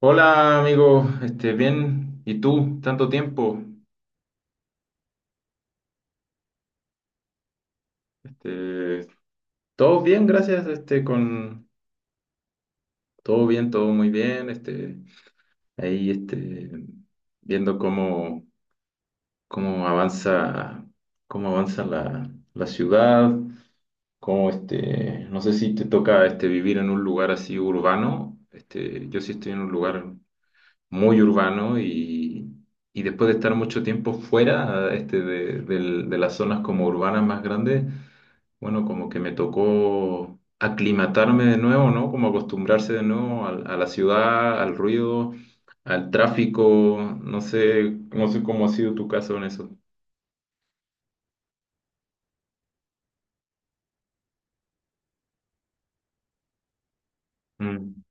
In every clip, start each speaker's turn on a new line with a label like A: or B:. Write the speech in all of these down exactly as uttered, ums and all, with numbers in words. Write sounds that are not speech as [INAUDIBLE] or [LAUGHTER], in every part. A: Hola amigo, este, bien, ¿y tú? Tanto tiempo. Este, Todo bien, gracias, este, con todo bien, todo muy bien, este, ahí, este, viendo cómo, cómo avanza, cómo avanza la, la ciudad, cómo, este, no sé si te toca, este, vivir en un lugar así urbano. Este, yo sí estoy en un lugar muy urbano y, y después de estar mucho tiempo fuera, este, de, del- de las zonas como urbanas más grandes, bueno, como que me tocó aclimatarme de nuevo, ¿no? Como acostumbrarse de nuevo al- a, la ciudad, al ruido, al tráfico, no sé, no sé cómo ha sido tu caso en eso. Mm.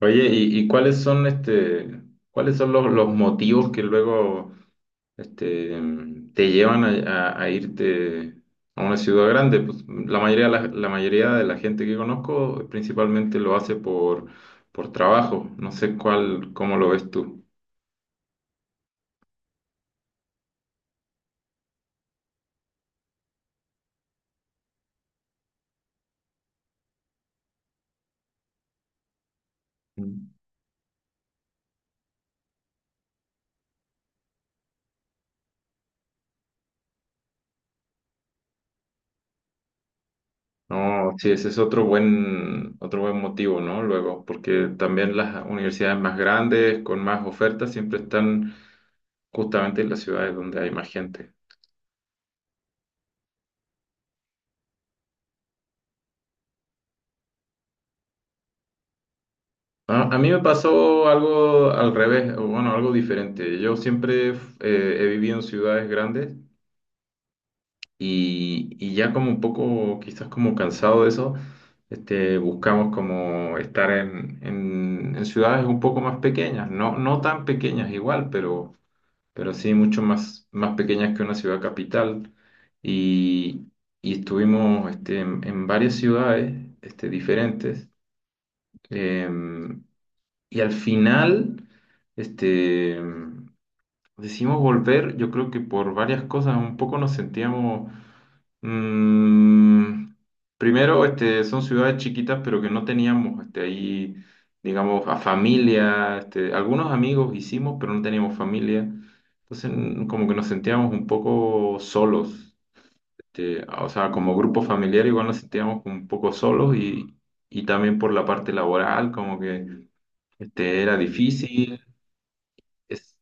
A: Oye, ¿y, y cuáles son, este, cuáles son los, los motivos que luego, este, te llevan a, a- a irte a una ciudad grande? Pues, la mayoría, la, la mayoría de la gente que conozco principalmente lo hace por, por trabajo. No sé cuál, cómo lo ves tú. Mm. No, sí, ese es otro buen, otro buen motivo, ¿no? Luego, porque también las universidades más grandes, con más ofertas, siempre están justamente en las ciudades donde hay más gente. A, a mí me pasó algo al revés, o bueno, algo diferente. Yo siempre f- eh, he vivido en ciudades grandes y, y ya como un poco, quizás como cansado de eso, este, buscamos como estar en, en, en ciudades un poco más pequeñas, no, no tan pequeñas igual, pero, pero sí mucho más, más pequeñas que una ciudad capital. Y, y estuvimos, este, en, en varias ciudades, este, diferentes. Em, y al final, este, decidimos volver. Yo creo que por varias cosas, un poco nos sentíamos, mm, primero, este, son ciudades chiquitas, pero que no teníamos, este, ahí, digamos, a familia, este, algunos amigos hicimos, pero no teníamos familia. Entonces, mm, como que nos sentíamos un poco solos. Este, o sea, como grupo familiar igual nos sentíamos como un poco solos, y, y también por la parte laboral, como que, este, era difícil. Es-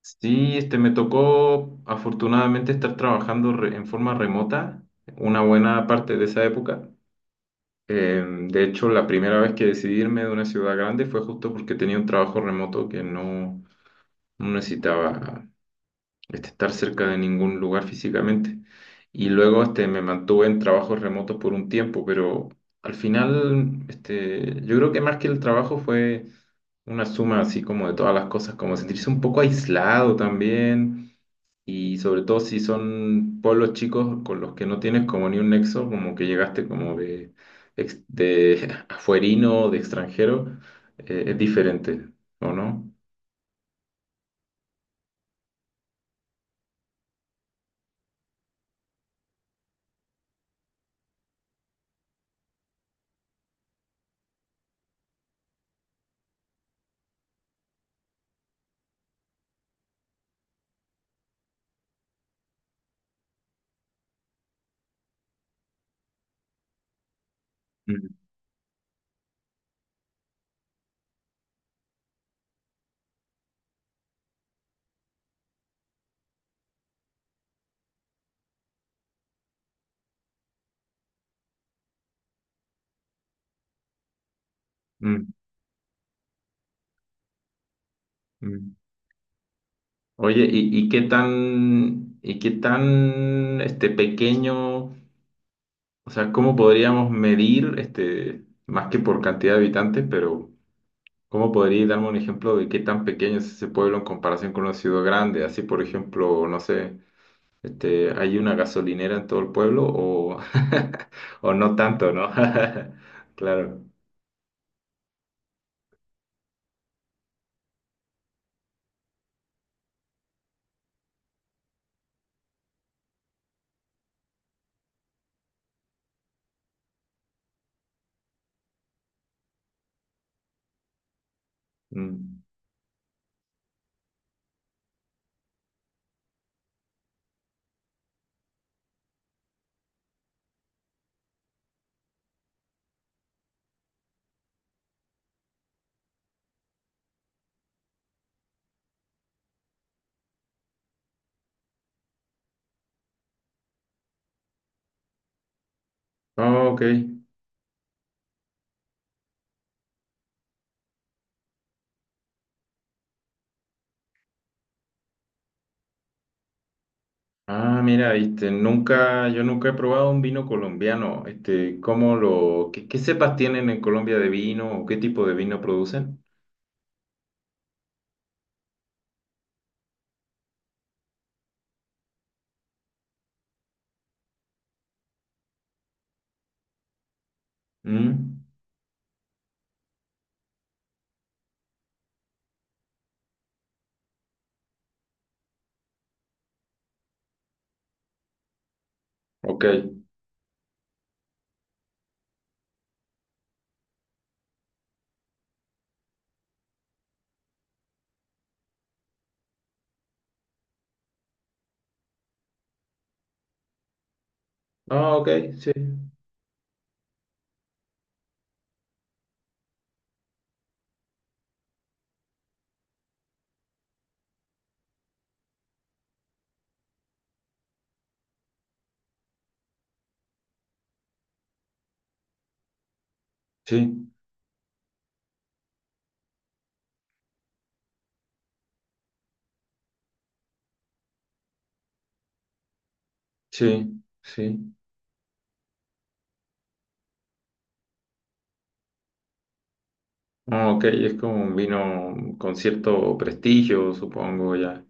A: sí, este, me tocó afortunadamente estar trabajando, re- en forma remota una buena parte de esa época. Eh, de hecho, la primera vez que decidí irme de una ciudad grande fue justo porque tenía un trabajo remoto que no, no necesitaba, este, estar cerca de ningún lugar físicamente. Y luego, este, me mantuve en trabajos remotos por un tiempo, pero al final, este, yo creo que más que el trabajo fue una suma así como de todas las cosas, como sentirse un poco aislado también. Y sobre todo si son pueblos chicos con los que no tienes como ni un nexo, como que llegaste como de, ex- de [LAUGHS] afuerino, de extranjero. Eh, es diferente, ¿o no? Mm, mm, mm. Oye, ¿y, y qué tan, y qué tan, este, pequeño, o sea, cómo podríamos medir, este, más que por cantidad de habitantes, pero cómo podría darme un ejemplo de qué tan pequeño es ese pueblo en comparación con una ciudad grande? Así, por ejemplo, no sé, este, ¿hay una gasolinera en todo el pueblo o, [LAUGHS] o no tanto, no? [LAUGHS] Claro. Mm. Oh, ok. Ah, mira, viste, nunca, yo nunca he probado un vino colombiano. Este, ¿cómo lo, qué, qué cepas tienen en Colombia de vino o qué tipo de vino producen? Mm, ok. Ah, ok, sí, sí, sí, sí. Ah, ok, es como un vino con cierto prestigio, supongo ya.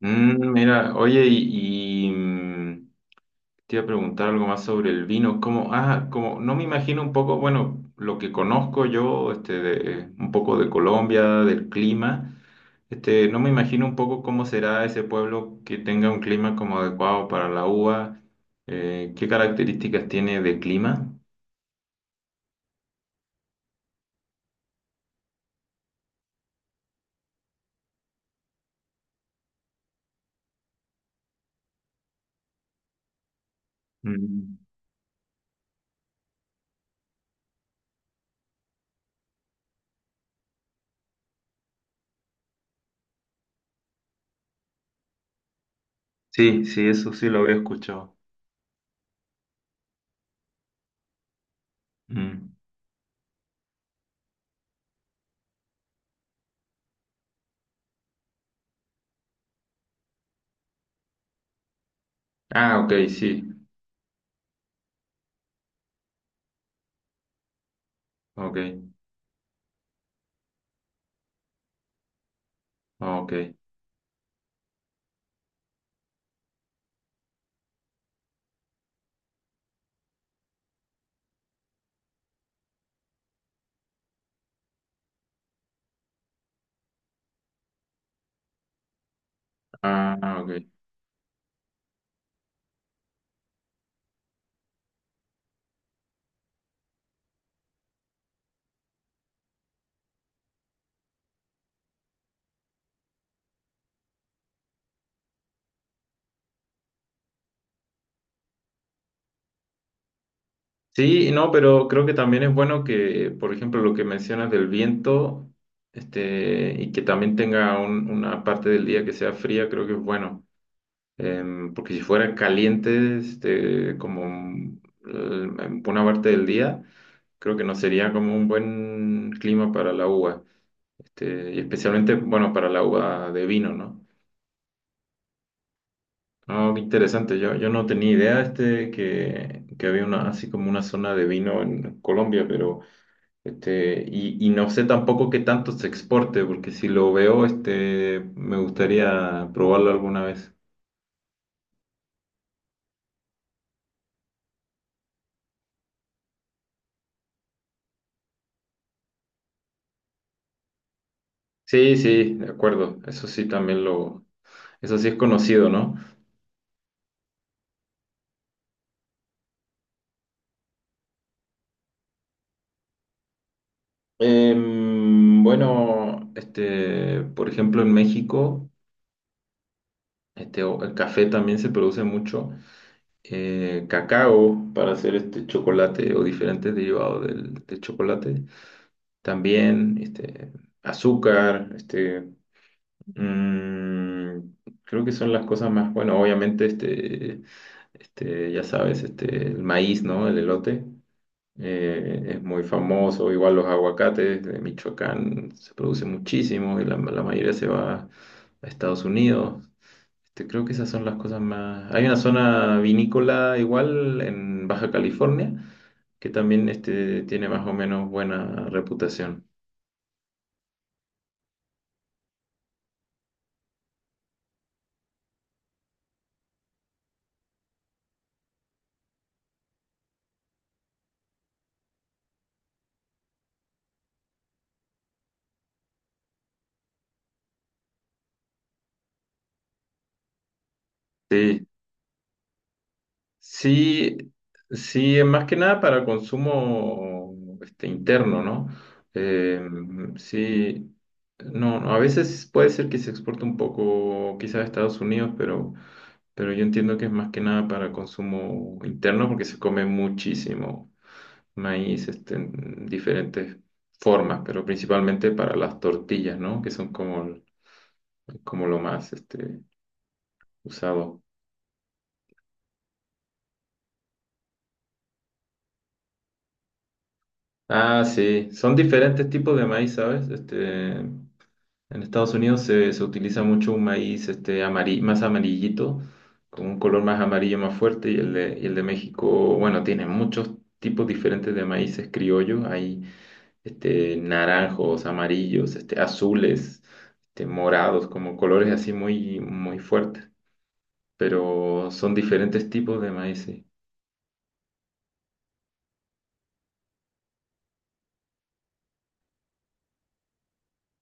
A: Mm, mira, oye, y, y, mm, te iba a preguntar algo más sobre el vino. Como, ah, como, no me imagino un poco, bueno, lo que conozco yo, este, de, un poco de Colombia, del clima. Este, no me imagino un poco cómo será ese pueblo que tenga un clima como adecuado para la uva. Eh, ¿qué características tiene de clima? Mm. Sí, sí, eso sí lo había escuchado. Mm. Ah, ok, sí, ok, ok. Ah, ok. Sí, no, pero creo que también es bueno que, por ejemplo, lo que mencionas del viento, este, y que también tenga un- una parte del día que sea fría, creo que es bueno. Em, porque si fuera caliente, este, como mm, en una parte del día, creo que no sería como un buen clima para la uva. Este, y especialmente, bueno, para la uva de vino, ¿no? No, qué interesante. Yo, yo no tenía idea, este, que, que había una, así como una zona de vino en Colombia, pero. Este, y, y no sé tampoco qué tanto se exporte, porque si lo veo, este, me gustaría probarlo alguna vez. Sí, sí, de acuerdo. Eso sí también lo, eso sí es conocido, ¿no? Em, bueno, este, por ejemplo, en México, este, o- el café también se produce mucho. Eh, cacao para hacer este chocolate o diferentes derivados del, del chocolate. También, este, azúcar, este. Mm, creo que son las cosas más, bueno, obviamente, este, este, ya sabes, este, el maíz, ¿no? El elote eh, es muy famoso, igual los aguacates de Michoacán se producen muchísimo y la, la mayoría se va a Estados Unidos. Este, creo que esas son las cosas más. Hay una zona vinícola igual en Baja California que también, este, tiene más o menos buena reputación. Sí. Sí, sí, es más que nada para consumo, este, interno, ¿no? Eh, sí, no, no, a veces puede ser que se exporte un poco quizás a Estados Unidos, pero, pero yo entiendo que es más que nada para consumo interno porque se come muchísimo maíz, este, en diferentes formas, pero principalmente para las tortillas, ¿no? Que son como, como lo más, este, usado. Ah, sí, son diferentes tipos de maíz, ¿sabes? Este, en Estados Unidos se, se utiliza mucho un maíz, este, amari- más amarillito, con un color más amarillo más fuerte, y el de, y el de México, bueno, tiene muchos tipos diferentes de maíces criollos, hay, este, naranjos, amarillos, este, azules, este, morados, como colores así muy, muy fuertes, pero son diferentes tipos de maíces.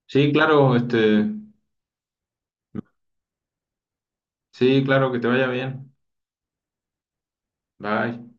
A: Sí, claro, este, sí, claro, que te vaya bien. Bye.